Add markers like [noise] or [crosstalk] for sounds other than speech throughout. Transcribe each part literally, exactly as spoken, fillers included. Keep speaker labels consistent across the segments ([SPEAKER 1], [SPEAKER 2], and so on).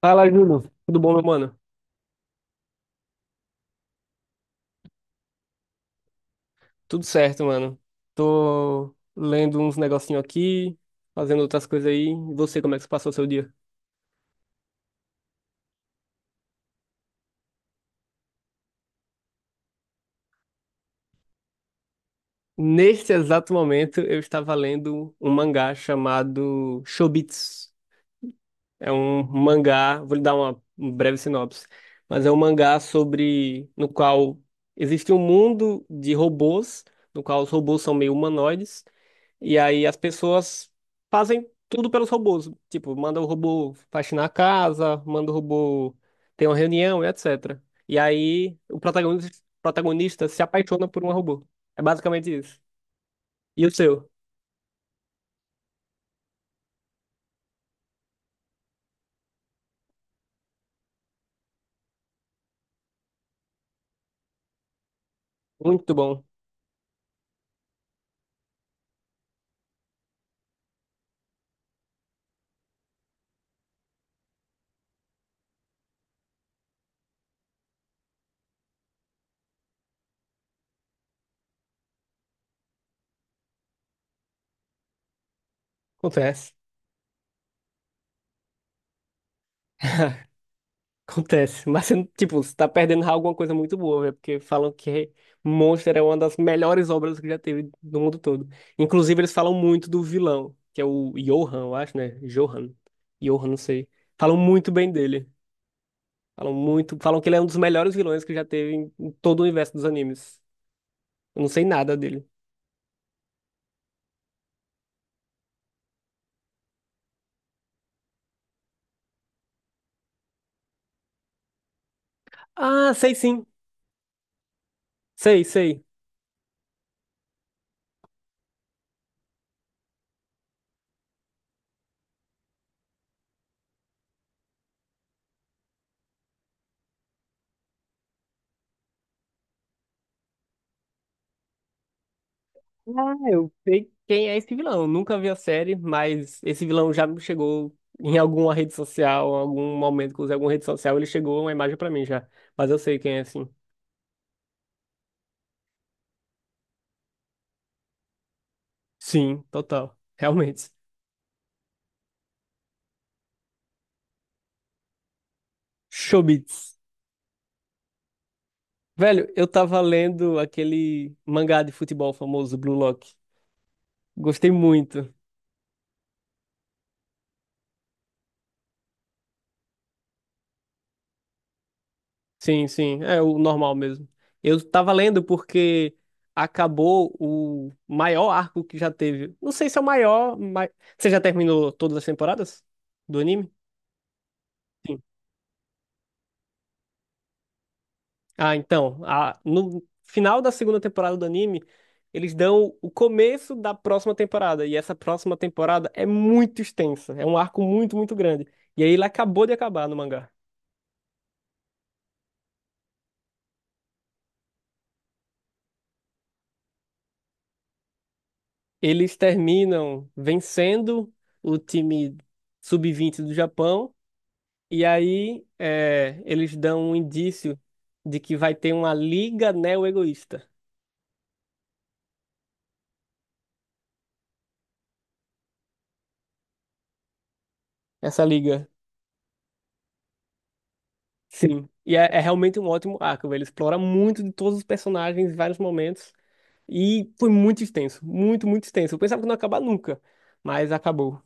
[SPEAKER 1] Fala, Júlio. Tudo bom, meu mano? Tudo certo, mano. Tô lendo uns negocinho aqui, fazendo outras coisas aí. E você, como é que você passou o seu dia? Neste exato momento, eu estava lendo um mangá chamado Chobits. É um mangá, vou lhe dar uma um breve sinopse, mas é um mangá sobre, no qual existe um mundo de robôs, no qual os robôs são meio humanoides. E aí as pessoas fazem tudo pelos robôs. Tipo, manda o robô faxinar a casa, manda o robô ter uma reunião, e et cetera. E aí o protagonista, protagonista se apaixona por um robô. É basicamente isso. E o seu? Muito bom. Confesso. [laughs] Acontece, [laughs] mas você, não- tipo, você tá perdendo alguma coisa muito boa, velho, porque falam que Monster é uma das melhores obras que já teve no mundo todo. Inclusive, eles falam muito do vilão, que é o Johan, eu acho, né? Johan. Johan, não sei. Falam muito bem dele. Falam muito, falam que ele é um dos melhores vilões que já teve em, em todo o universo dos animes. Eu não sei nada dele. Ah, sei sim. Sei, sei. Ah, eu sei quem é esse vilão. Eu nunca vi a série, mas esse vilão já me chegou em alguma rede social, em algum momento que eu usei alguma rede social, ele chegou uma imagem pra mim já. Mas eu sei quem é, sim. Sim, total. Realmente. Chobits. Velho, eu tava lendo aquele mangá de futebol famoso, Blue Lock. Gostei muito. Sim, sim, é o normal mesmo. Eu tava lendo porque acabou o maior arco que já teve. Não sei se é o maior, mas você já terminou todas as temporadas do anime? Sim. Ah, então, a- no final da segunda temporada do anime, eles dão o começo da próxima temporada, e essa próxima temporada é muito extensa, é um arco muito, muito grande. E aí ele acabou de acabar no mangá. Eles terminam vencendo o time sub vinte do Japão. E aí é, eles dão um indício de que vai ter uma liga neo-egoísta. Essa liga, sim. E é, é realmente um ótimo arco, velho. Ele explora muito de todos os personagens em vários momentos. E foi muito extenso, muito, muito extenso. Eu pensava que não ia acabar nunca, mas acabou.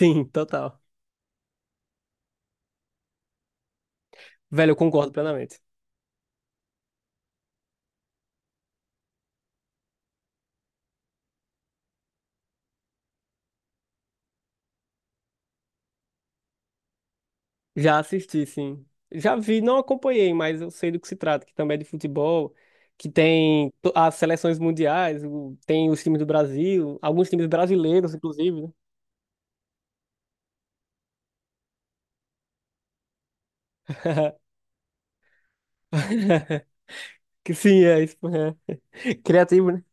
[SPEAKER 1] Sim, total. Velho, eu concordo plenamente. Já assisti, sim. Já vi, não acompanhei, mas eu sei do que se trata, que também é de futebol, que tem to- as seleções mundiais, o- tem os times do Brasil, alguns times brasileiros, inclusive, né? [laughs] Que sim, é isso. é. Criativo, né?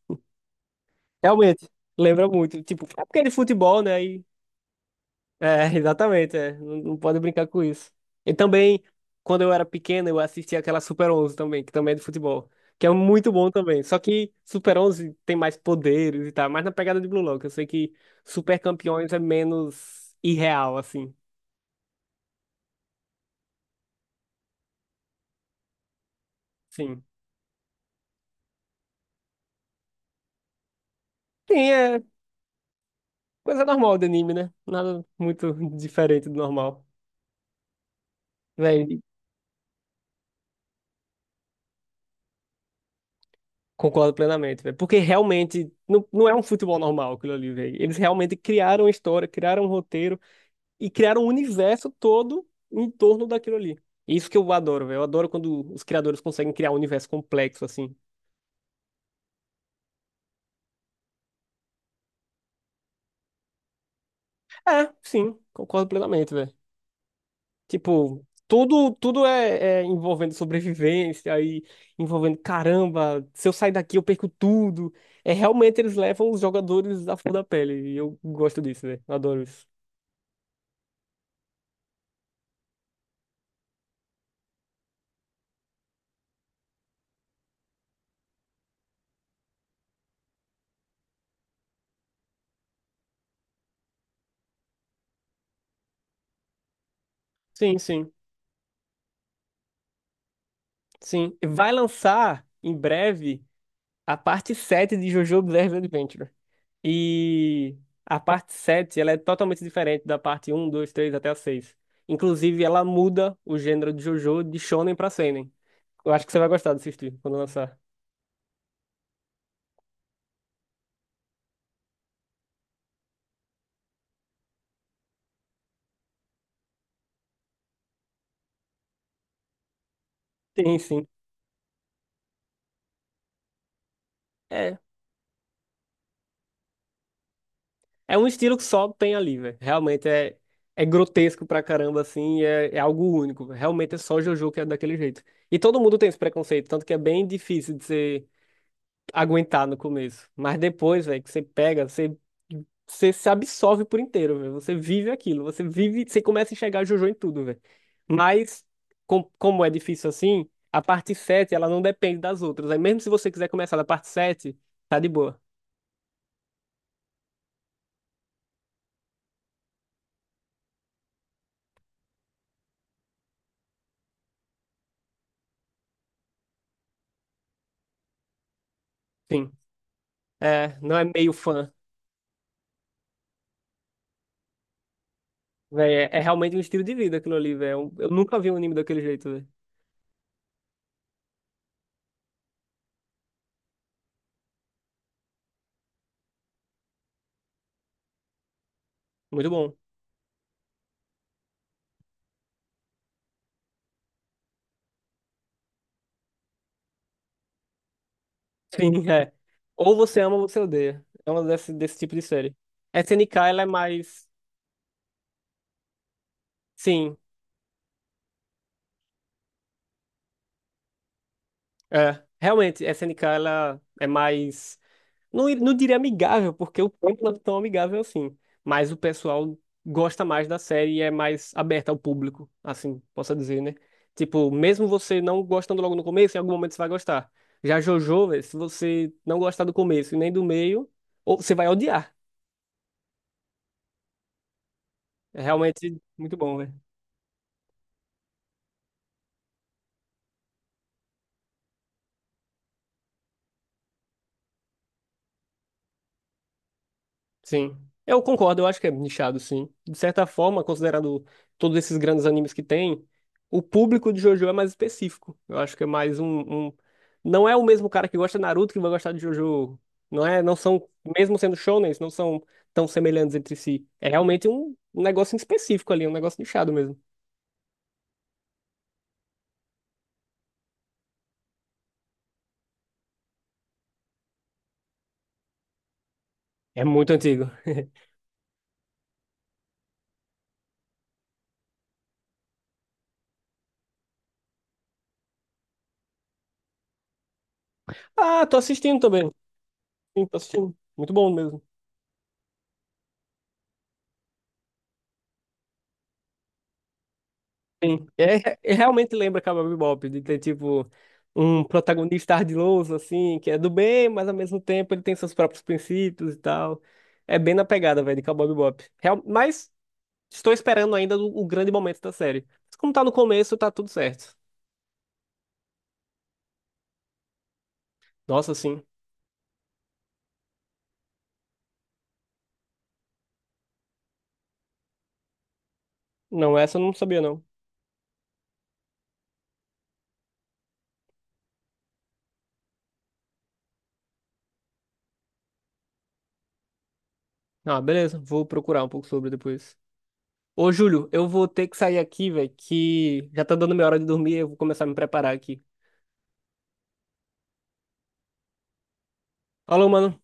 [SPEAKER 1] Realmente, lembra muito. Tipo, é porque é de futebol, né? É, [laughs] exatamente, é. Não, não pode brincar com isso. E também, quando eu era pequeno, eu assistia aquela Super onze também, que também é de futebol, que é muito bom também. Só que Super onze tem mais poderes e tal, mais na pegada de Blue Lock. Eu sei que Super Campeões é menos irreal, assim. Sim. Sim, é coisa normal de anime, né? Nada muito [laughs] diferente do normal. Véi, concordo plenamente, velho. Porque realmente não, não é um futebol normal aquilo ali, velho. Eles realmente criaram a história, criaram um roteiro e criaram um universo todo em torno daquilo ali. Isso que eu adoro, velho. Eu adoro quando os criadores conseguem criar um universo complexo, assim. É, sim, concordo plenamente, velho. Tipo, tudo, tudo é, é envolvendo sobrevivência, aí envolvendo, caramba, se eu sair daqui eu perco tudo. É, realmente eles levam os jogadores à flor da pele. E eu gosto disso, velho. Adoro isso. Sim, sim, sim. Vai lançar em breve a parte sete de JoJo Bizarre Adventure. E a parte sete ela é totalmente diferente da parte um dois três até a seis. Inclusive, ela muda o gênero de JoJo de shonen pra seinen. Eu acho que você vai gostar de assistir quando lançar. Sim, sim. É, é um estilo que só tem ali, velho. Realmente é, é grotesco pra caramba, assim, e é, é algo único. Realmente é só JoJo que é daquele jeito. E todo mundo tem esse preconceito, tanto que é bem difícil de ser aguentar no começo. Mas depois, velho, que você pega, você, você se absorve por inteiro, velho. Você vive aquilo, você vive, você começa a enxergar Jojo em tudo, velho. Mas, com- como é difícil assim, a parte sete, ela não depende das outras. Aí mesmo se você quiser começar da parte sete, tá de boa. Sim. É, não é meio fã, velho. É, é realmente um estilo de vida aquilo ali, velho. Eu eu nunca vi um anime daquele jeito, velho. Muito bom. Sim, [laughs] é. Ou você ama ou você odeia. É uma desse, desse tipo de série. S N K, ela é mais. Sim, é, realmente, S N K ela é mais. Não, i- não diria amigável, porque o campo não é tão amigável assim. Mas o pessoal gosta mais da série e é mais aberta ao público, assim, posso dizer, né? Tipo, mesmo você não gostando logo no começo, em algum momento você vai gostar. Já JoJo, véi, se você não gostar do começo e nem do meio, ou você vai odiar. É realmente muito bom, velho. Sim. Eu concordo, eu acho que é nichado, sim. De certa forma, considerando todos esses grandes animes que tem, o público de JoJo é mais específico. Eu acho que é mais um, um- não é o mesmo cara que gosta de Naruto que vai gostar de JoJo. Não é? Não são, mesmo sendo shonens, não são tão semelhantes entre si. É realmente um um negócio em específico ali, um negócio nichado mesmo. É muito antigo. [laughs] Ah, tô assistindo também. Sim, tô assistindo. Muito bom mesmo. Sim. É, é- realmente lembra Cowboy Bebop, de ter, tipo, um protagonista ardiloso, assim, que é do bem, mas ao mesmo tempo ele tem seus próprios princípios e tal. É bem na pegada, velho, de Cowboy Bebop. Real, mas estou esperando ainda o, o grande momento da série. Mas como tá no começo, tá tudo certo. Nossa, sim. Não, essa eu não sabia, não. Ah, beleza. Vou procurar um pouco sobre depois. Ô, Júlio, eu vou ter que sair aqui, velho, que já tá dando minha hora de dormir, eu vou começar a me preparar aqui. Alô, mano.